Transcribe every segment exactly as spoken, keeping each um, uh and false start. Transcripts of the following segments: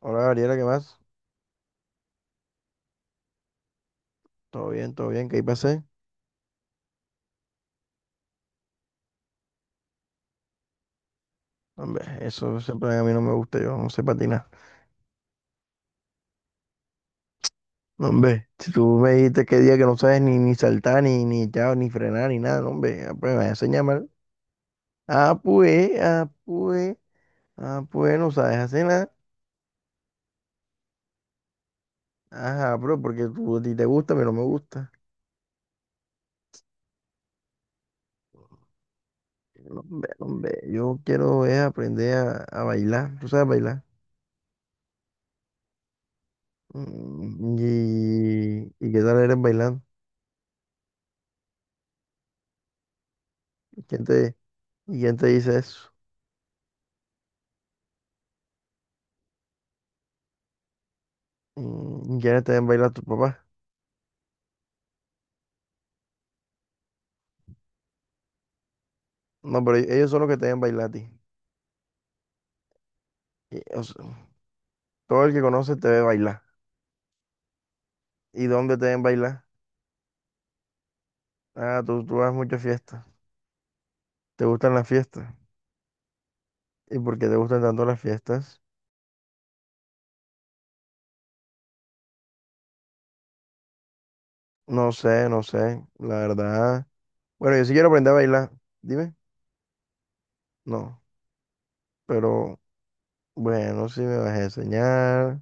Hola Gabriela, ¿qué más? Todo bien, todo bien, ¿qué ahí pasé? Hombre, eso siempre a mí no me gusta, yo no sé patinar. No, hombre, si tú me dijiste que día que no sabes ni, ni saltar, ni, ni echar, ni frenar, ni nada, no, hombre, ah, pues me vas a enseñar mal. Ah, pues, ah, pues, ah, pues, no sabes hacer nada. Ajá, pero porque tú a ti te gusta, pero no me gusta. No, hombre, no, hombre, yo quiero es aprender a, a bailar, ¿tú sabes bailar? Mm, ¿Y, y qué tal eres bailando? ¿Quién te, y quién te dice eso? Mm, ¿Quiénes te ven bailar tu papá? No, pero e-, ellos son los que te ven bailar a ti. Y, o sea, todo el que conoce te ve bailar. ¿Y dónde te ven bailar? Ah, tú, tú vas a muchas fiestas. ¿Te gustan las fiestas? ¿Y por qué te gustan tanto las fiestas? No sé, no sé. La verdad. Bueno, yo sí quiero aprender a bailar. Dime. No. Pero bueno, si me vas a enseñar.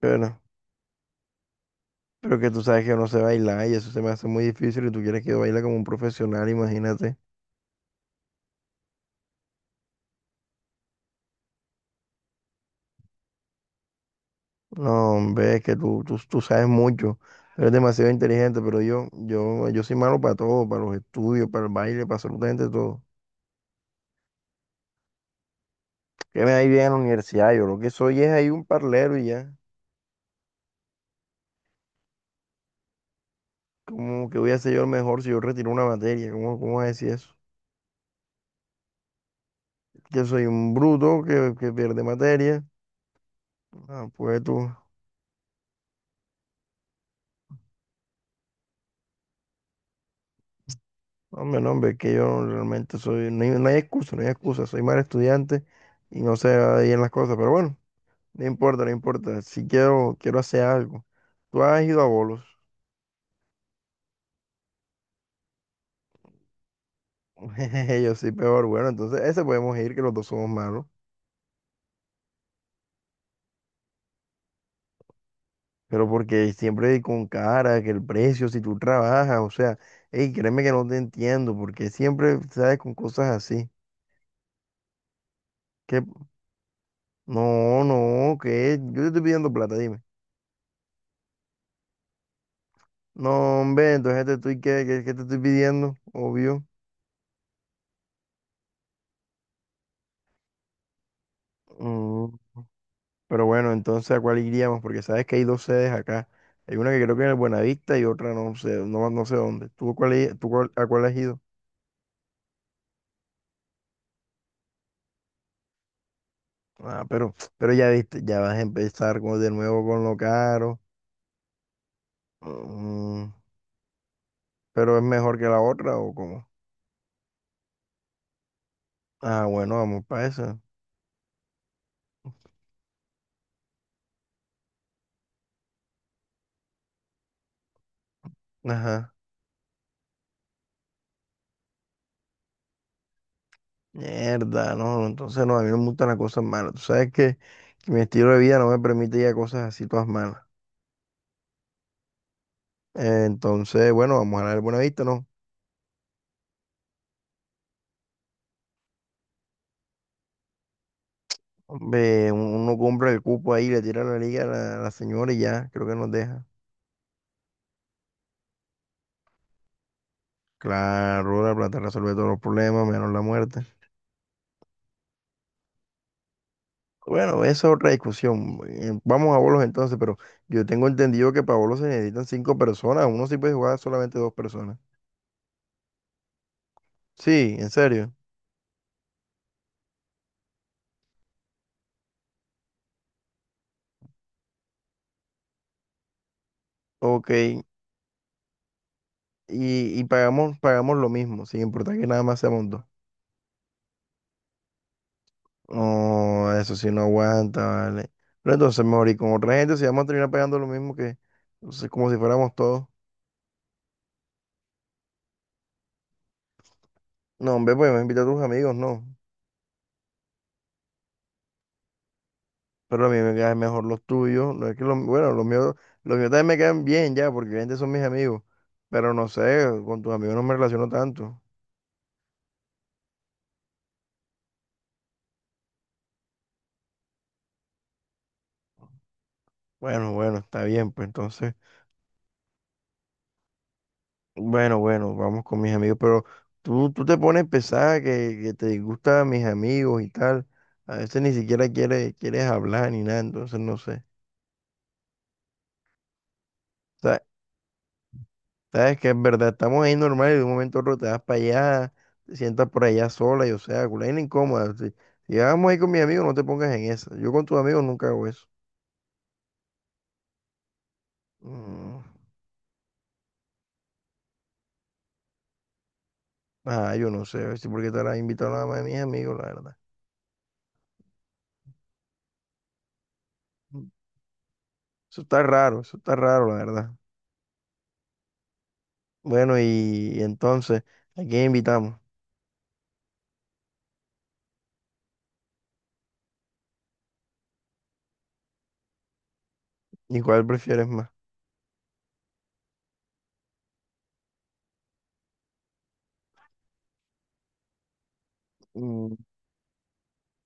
Bueno, pero que tú sabes que yo no sé bailar y eso se me hace muy difícil y tú quieres que yo baile como un profesional, imagínate. No, hombre, es que tú, tú, tú sabes mucho, eres demasiado inteligente, pero yo, yo, yo soy malo para todo, para los estudios, para el baile, para absolutamente todo. ¿Qué me da bien en la universidad? Yo lo que soy es ahí un parlero y ya. ¿Cómo que voy a ser yo el mejor si yo retiro una materia? ¿Cómo, cómo vas a decir eso? Que soy un bruto que, que pierde materia. Ah, pues tú, hombre, no, hombre, es que yo realmente soy, no hay, no hay excusa, no hay excusa, soy mal estudiante y no sé bien las cosas, pero bueno. No importa, no importa. Si quiero, quiero hacer algo. Tú has ido a bolos. Yo soy peor. Bueno, entonces ese podemos ir, que los dos somos malos. Pero porque siempre con cara, que el precio, si tú trabajas, o sea, hey, créeme que no te entiendo, porque siempre sabes con cosas así. Que no, no, que yo te estoy pidiendo plata, dime. No, hombre, entonces te estoy, ¿qué, qué, qué te estoy pidiendo? Obvio. Mm. Pero bueno, entonces ¿a cuál iríamos? Porque sabes que hay dos sedes acá. Hay una que creo que en el Buenavista y otra no sé, no, no sé dónde. ¿Tú, cuál, i- tú cuál- a cuál has ido? Ah, pero, pero ya viste, ya vas a empezar con- de nuevo con lo caro. Mm, ¿Pero es mejor que la otra o cómo? Ah, bueno, vamos para esa. Ajá. Mierda, no, entonces no, a mí no me gustan las cosas malas. Tú sabes que, que mi estilo de vida no me permite ya cosas así todas malas. Eh, entonces, bueno, vamos a la del Buenavista, ¿no? Hombre, uno compra el cupo ahí, le tira la liga a la, a la señora y ya, creo que nos deja. Claro, la plata resuelve todos los problemas, menos la muerte. Bueno, esa es otra discusión. Eh, Vamos a bolos entonces, pero yo tengo entendido que para bolos se necesitan cinco personas. Uno sí puede jugar solamente dos personas. Sí, en serio. Ok. Y, y pagamos, pagamos lo mismo, sin importar que nada más seamos dos. No, eso sí no aguanta, vale. Pero entonces mejor y con otra gente si vamos a terminar pagando lo mismo que, entonces, como si fuéramos todos. No, hombre, pues me invita a tus amigos, no. Pero a mí me quedan mejor los tuyos. No es que los- bueno, los míos, los míos también me quedan bien ya, porque obviamente son mis amigos. Pero no sé, con tus amigos no me relaciono tanto. Bueno, bueno, está bien, pues entonces. Bueno, bueno, vamos con mis amigos. Pero tú, tú te pones pesada que, que te disgustan mis amigos y tal. A veces ni siquiera quieres, quieres hablar ni nada, entonces no sé. Sabes que es verdad, estamos ahí normal y de un momento a otro te vas para allá, te sientas por allá sola y o sea, culé incómoda. Si, si vamos ahí con mis amigos, no te pongas en esa. Yo con tus amigos nunca hago eso. Mm, Ah, yo no sé, si porque te la has invitado nada más de mis amigos, la verdad. Mm, Eso está raro, eso está raro, la verdad. Bueno, y, y entonces, ¿a quién invitamos? ¿Y cuál prefieres más? Mm,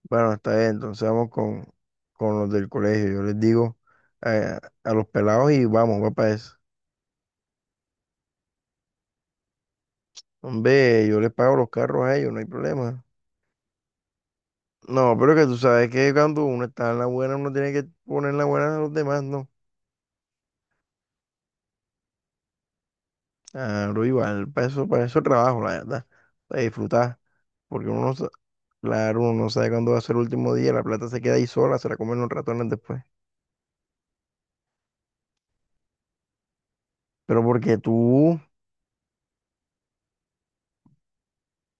Bueno, está bien, entonces vamos con, con, los del colegio. Yo les digo eh, a, los pelados y vamos, va para eso. Hombre, yo les pago los carros a ellos, no hay problema. No, pero que tú sabes que cuando uno está en la buena, uno tiene que poner en la buena a los demás, ¿no? Claro, igual, para eso, para eso trabajo, la verdad, para disfrutar, porque uno no, sa- claro, uno no sabe cuándo va a ser el último día, la plata se queda ahí sola, se la comen los ratones después. Pero porque tú,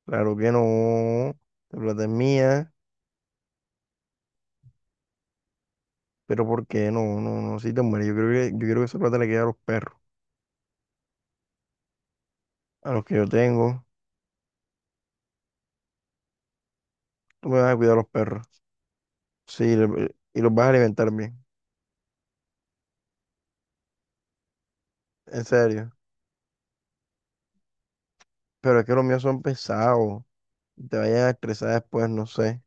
claro que no, la plata es mía, pero ¿por qué no? No, no, si te mueres, yo creo que, yo quiero que esa plata le quede a los perros, a los que yo tengo, tú me vas a cuidar a los perros, sí, le- y los vas a alimentar bien. En serio. Pero es que los míos son pesados. Te vayas a estresar después, no sé.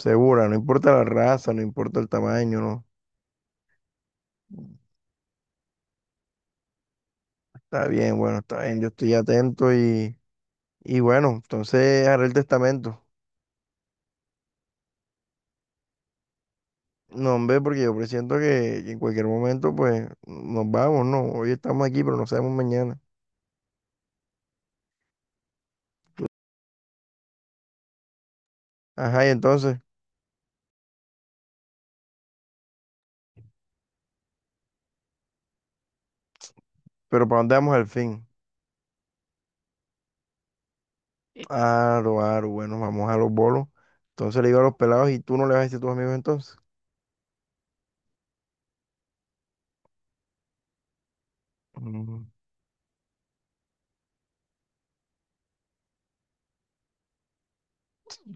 Segura, no importa la raza, no importa el tamaño, no. Está bien, bueno, está bien. Yo estoy atento y, y bueno, entonces haré el testamento. No, hombre, porque yo presiento que, que en cualquier momento, pues, nos vamos, ¿no? Hoy estamos aquí, pero no sabemos mañana. Ajá, y entonces, pero ¿para dónde vamos al fin? Eh, Aro, aro, bueno, vamos a los bolos. Entonces le digo a los pelados, ¿y tú no le vas a decir a tus amigos entonces?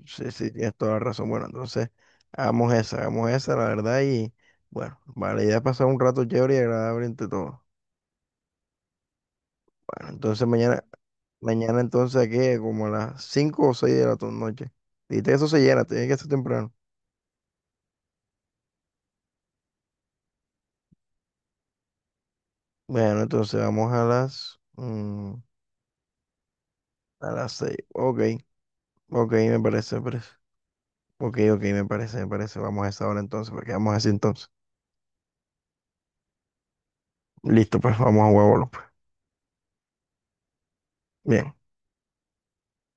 Sí, sí, tienes toda la razón. Bueno, entonces, hagamos esa, hagamos esa, la verdad, y bueno, vale, idea es pasar un rato chévere y agradable entre todos. Bueno, entonces mañana, mañana entonces aquí como a las cinco o seis de la to- noche. Dijiste que eso se llena, tiene que ser temprano. Bueno, entonces vamos a las, mm, a las seis. Ok, ok, me parece, me parece. Ok, ok, me parece, me parece. Vamos a esa hora entonces, porque vamos así entonces. Listo, pues vamos a huevo, pues. Bien.